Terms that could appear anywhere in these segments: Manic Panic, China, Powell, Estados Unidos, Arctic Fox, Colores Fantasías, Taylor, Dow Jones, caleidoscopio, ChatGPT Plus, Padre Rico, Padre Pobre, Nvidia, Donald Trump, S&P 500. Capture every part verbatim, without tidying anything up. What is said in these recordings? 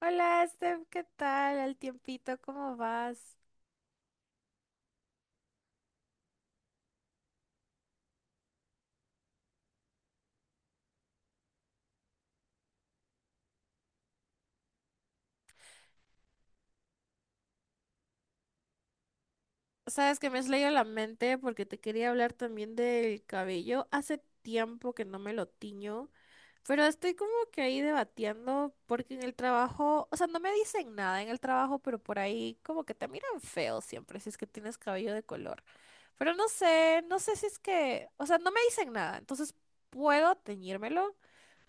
Hola, Steph, ¿qué tal? Al tiempito, ¿cómo vas? Sabes que me has leído la mente porque te quería hablar también del cabello. Hace tiempo que no me lo tiño, pero estoy como que ahí debatiendo porque en el trabajo, o sea, no me dicen nada en el trabajo, pero por ahí como que te miran feo siempre si es que tienes cabello de color. Pero no sé, no sé si es que, o sea, no me dicen nada, entonces puedo teñírmelo.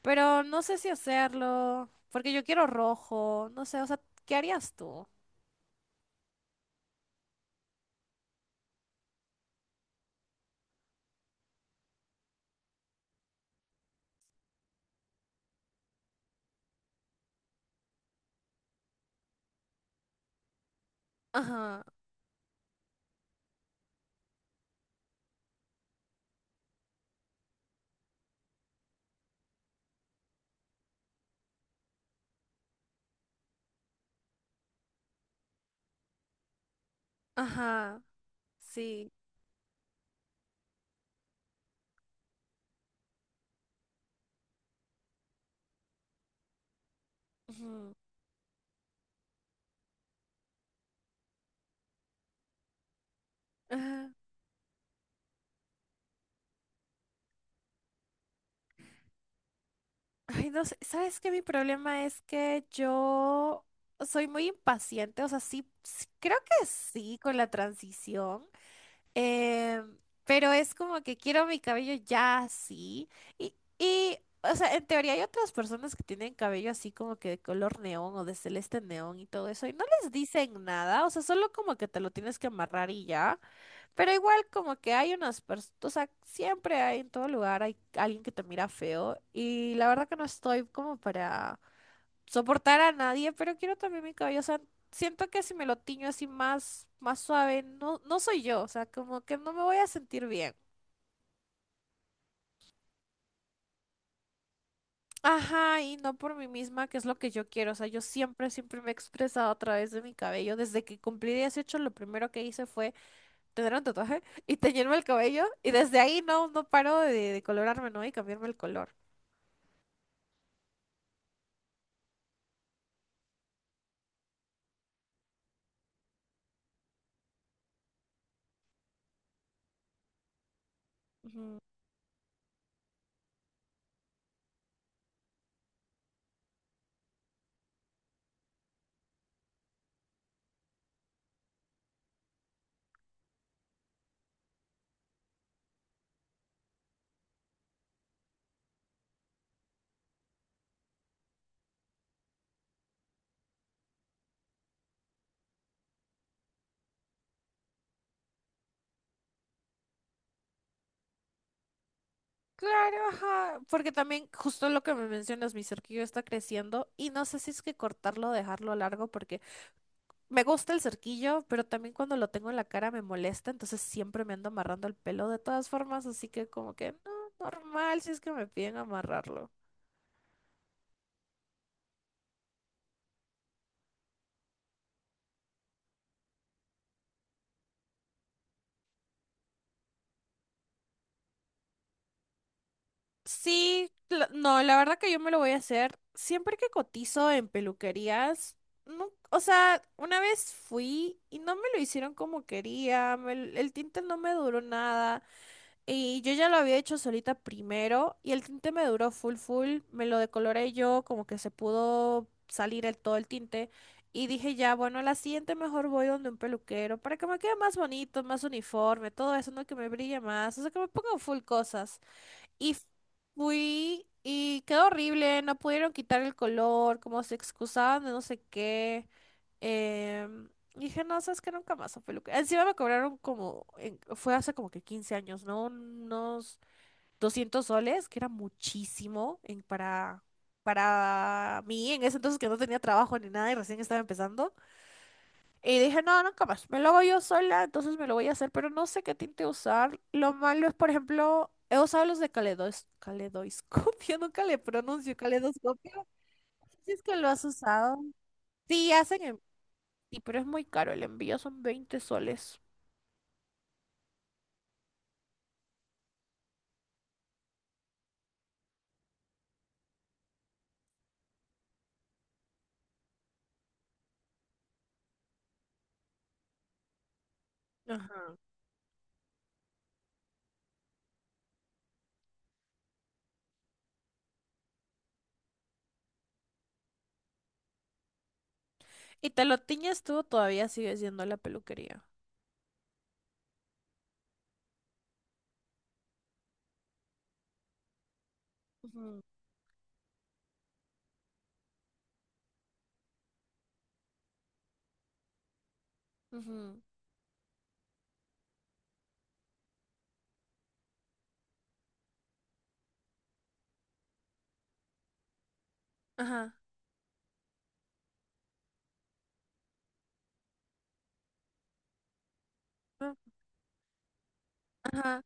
Pero no sé si hacerlo, porque yo quiero rojo, no sé, o sea, ¿qué harías tú? Ajá, ajá, sí. Ujú, ajá. Ay, no sé, ¿sabes qué? Mi problema es que yo soy muy impaciente, o sea, sí, s- creo que sí con la transición. Eh, pero es como que quiero mi cabello ya así. Y, y, o sea, en teoría hay otras personas que tienen cabello así como que de color neón o de celeste neón y todo eso. Y no les dicen nada. O sea, solo como que te lo tienes que amarrar y ya. Pero igual como que hay unas personas, o sea, siempre hay en todo lugar, hay alguien que te mira feo. Y la verdad que no estoy como para soportar a nadie, pero quiero también mi cabello, o sea, siento que si me lo tiño así más, más suave, no, no soy yo, o sea, como que no me voy a sentir bien. Ajá, y no por mí misma, que es lo que yo quiero, o sea, yo siempre, siempre me he expresado a través de mi cabello. Desde que cumplí dieciocho, lo primero que hice fue tener un tatuaje y teñirme el cabello, y desde ahí no, no paro de, de colorarme, ¿no? Y cambiarme el color. Ujú. Claro, ajá, porque también justo lo que me mencionas, mi cerquillo está creciendo y no sé si es que cortarlo o dejarlo largo porque me gusta el cerquillo, pero también cuando lo tengo en la cara me molesta, entonces siempre me ando amarrando el pelo de todas formas, así que como que no, normal si es que me piden amarrarlo. Sí, la- no, la verdad que yo me lo voy a hacer siempre que cotizo en peluquerías. No, o sea, una vez fui y no me lo hicieron como quería, me l- el tinte no me duró nada. Y yo ya lo había hecho solita primero y el tinte me duró full full, me lo decoloré yo, como que se pudo salir el, todo el tinte y dije ya, bueno, a la siguiente mejor voy donde un peluquero para que me quede más bonito, más uniforme, todo eso, no que me brille más, o sea, que me pongan full cosas. Y fui y quedó horrible, no pudieron quitar el color, como se excusaban de no sé qué. em, Dije, no, sabes que nunca más a peluquería. Encima me cobraron como, en- fue hace como que quince años, ¿no? Unos doscientos soles, que era muchísimo en- para, para mí en ese entonces que no tenía trabajo ni nada y recién estaba empezando. Y dije, no, no, capaz, me lo hago yo sola, entonces me lo voy a hacer, pero no sé qué tinte usar. Lo malo es, por ejemplo, he usado los de caledos, caleidoscopio, nunca le pronuncio caleidoscopio. Si es que lo has usado. Sí, hacen en... sí, pero es muy caro, el envío son veinte soles. Ajá. Y te lo tiñes tú, todavía sigues yendo a la peluquería. Ujú. Ujú. Ajá, ah, ajá,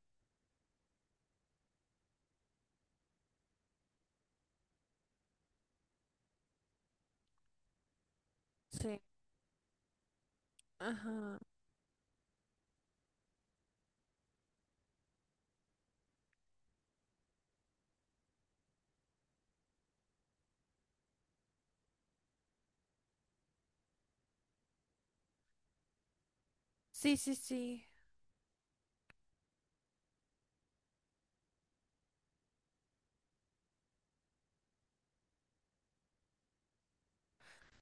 sí, ajá. Sí, sí, sí.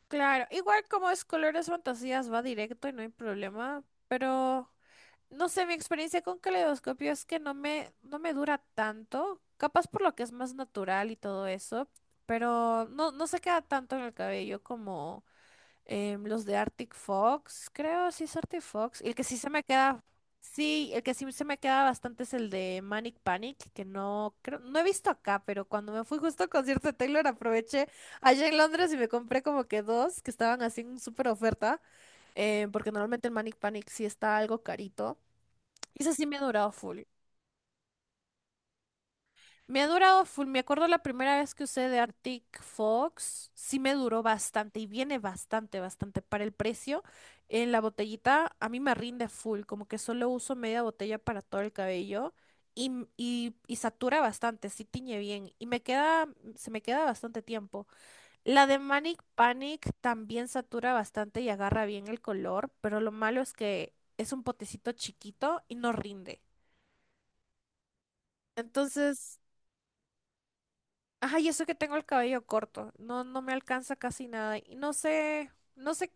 Claro, igual como es Colores Fantasías va directo y no hay problema, pero no sé, mi experiencia con caleidoscopio es que no me, no me dura tanto, capaz por lo que es más natural y todo eso, pero no, no se queda tanto en el cabello como... Em, los de Arctic Fox, creo, sí es Arctic Fox. El que sí se me queda, sí, el que sí se me queda bastante es el de Manic Panic, que no creo, no he visto acá, pero cuando me fui justo al concierto de Taylor aproveché allá en Londres y me compré como que dos que estaban así en súper oferta, em, porque normalmente el Manic Panic sí está algo carito. Y ese sí me ha durado full. Me ha durado full. Me acuerdo la primera vez que usé de Arctic Fox, sí me duró bastante y viene bastante, bastante. Para el precio, en la botellita a mí me rinde full, como que solo uso media botella para todo el cabello y, m- y, y satura bastante, sí tiñe bien y me queda, se me queda bastante tiempo. La de Manic Panic también satura bastante y agarra bien el color, pero lo malo es que es un potecito chiquito y no rinde. Entonces ajá, y eso que tengo el cabello corto, no, no me alcanza casi nada. Y no sé, no sé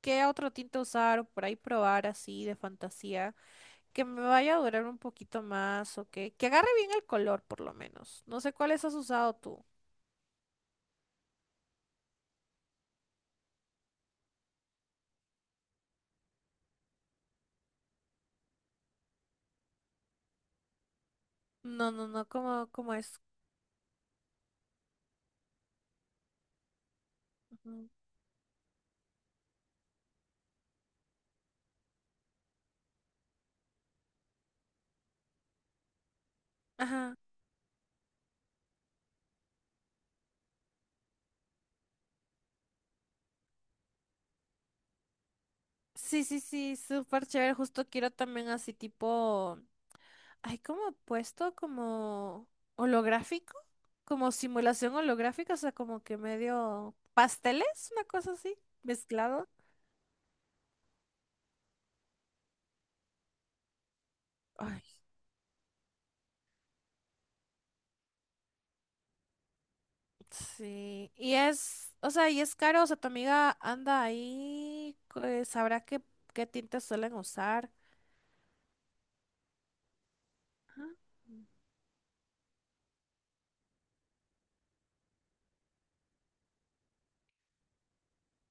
qué otro tinte usar o por ahí probar así de fantasía, que me vaya a durar un poquito más o que, que agarre bien el color por lo menos. No sé cuáles has usado tú. No, no, no, ¿cómo, cómo es? Ujú. Ajá. Sí, sí, sí, súper chévere. Justo quiero también así tipo, hay como puesto como holográfico, como simulación holográfica, o sea, como que medio pasteles, una cosa así, mezclado. Ay, sí. Y es, o sea, y es caro, o sea, tu amiga anda ahí, pues, sabrá qué, qué tintes suelen usar.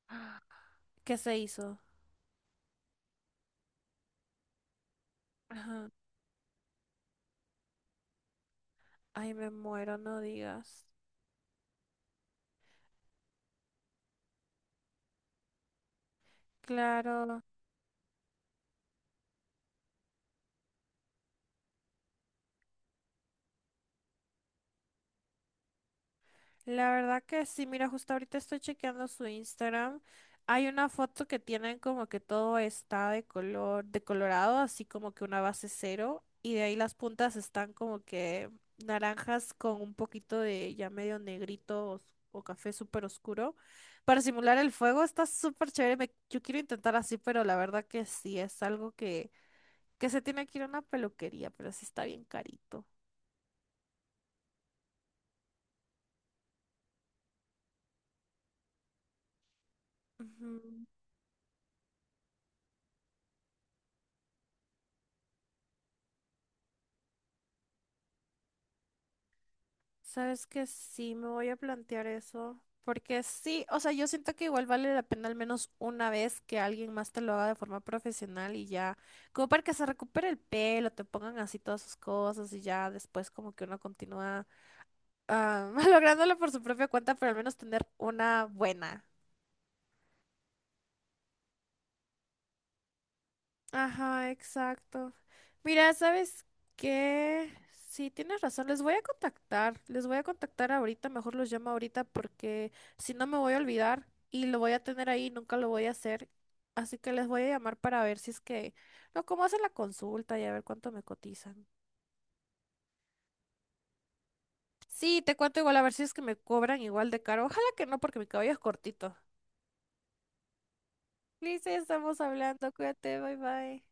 ¿Qué se hizo? Ajá. Ay, me muero, no digas. Claro. La verdad que sí, mira, justo ahorita estoy chequeando su Instagram. Hay una foto que tienen como que todo está de color, de colorado, así como que una base cero, y de ahí las puntas están como que naranjas con un poquito de ya medio negrito os- o, café súper oscuro. Para simular el fuego está súper chévere. me- yo quiero intentar así, pero la verdad que sí, es algo que, que se tiene que ir a una peluquería, pero sí está bien carito. Sabes que sí, me voy a plantear eso, porque sí, o sea, yo siento que igual vale la pena al menos una vez que alguien más te lo haga de forma profesional y ya, como para que se recupere el pelo, te pongan así todas sus cosas y ya después como que uno continúa ah, lográndolo por su propia cuenta, pero al menos tener una buena. Ajá, exacto. Mira, ¿sabes qué? Sí, tienes razón, les voy a contactar, les voy a contactar ahorita, mejor los llamo ahorita porque si no me voy a olvidar y lo voy a tener ahí, nunca lo voy a hacer. Así que les voy a llamar para ver si es que, no, cómo hacen la consulta y a ver cuánto me cotizan. Sí, te cuento igual a ver si es que me cobran igual de caro. Ojalá que no, porque mi cabello es cortito. Liz, ya estamos hablando, cuídate, bye bye.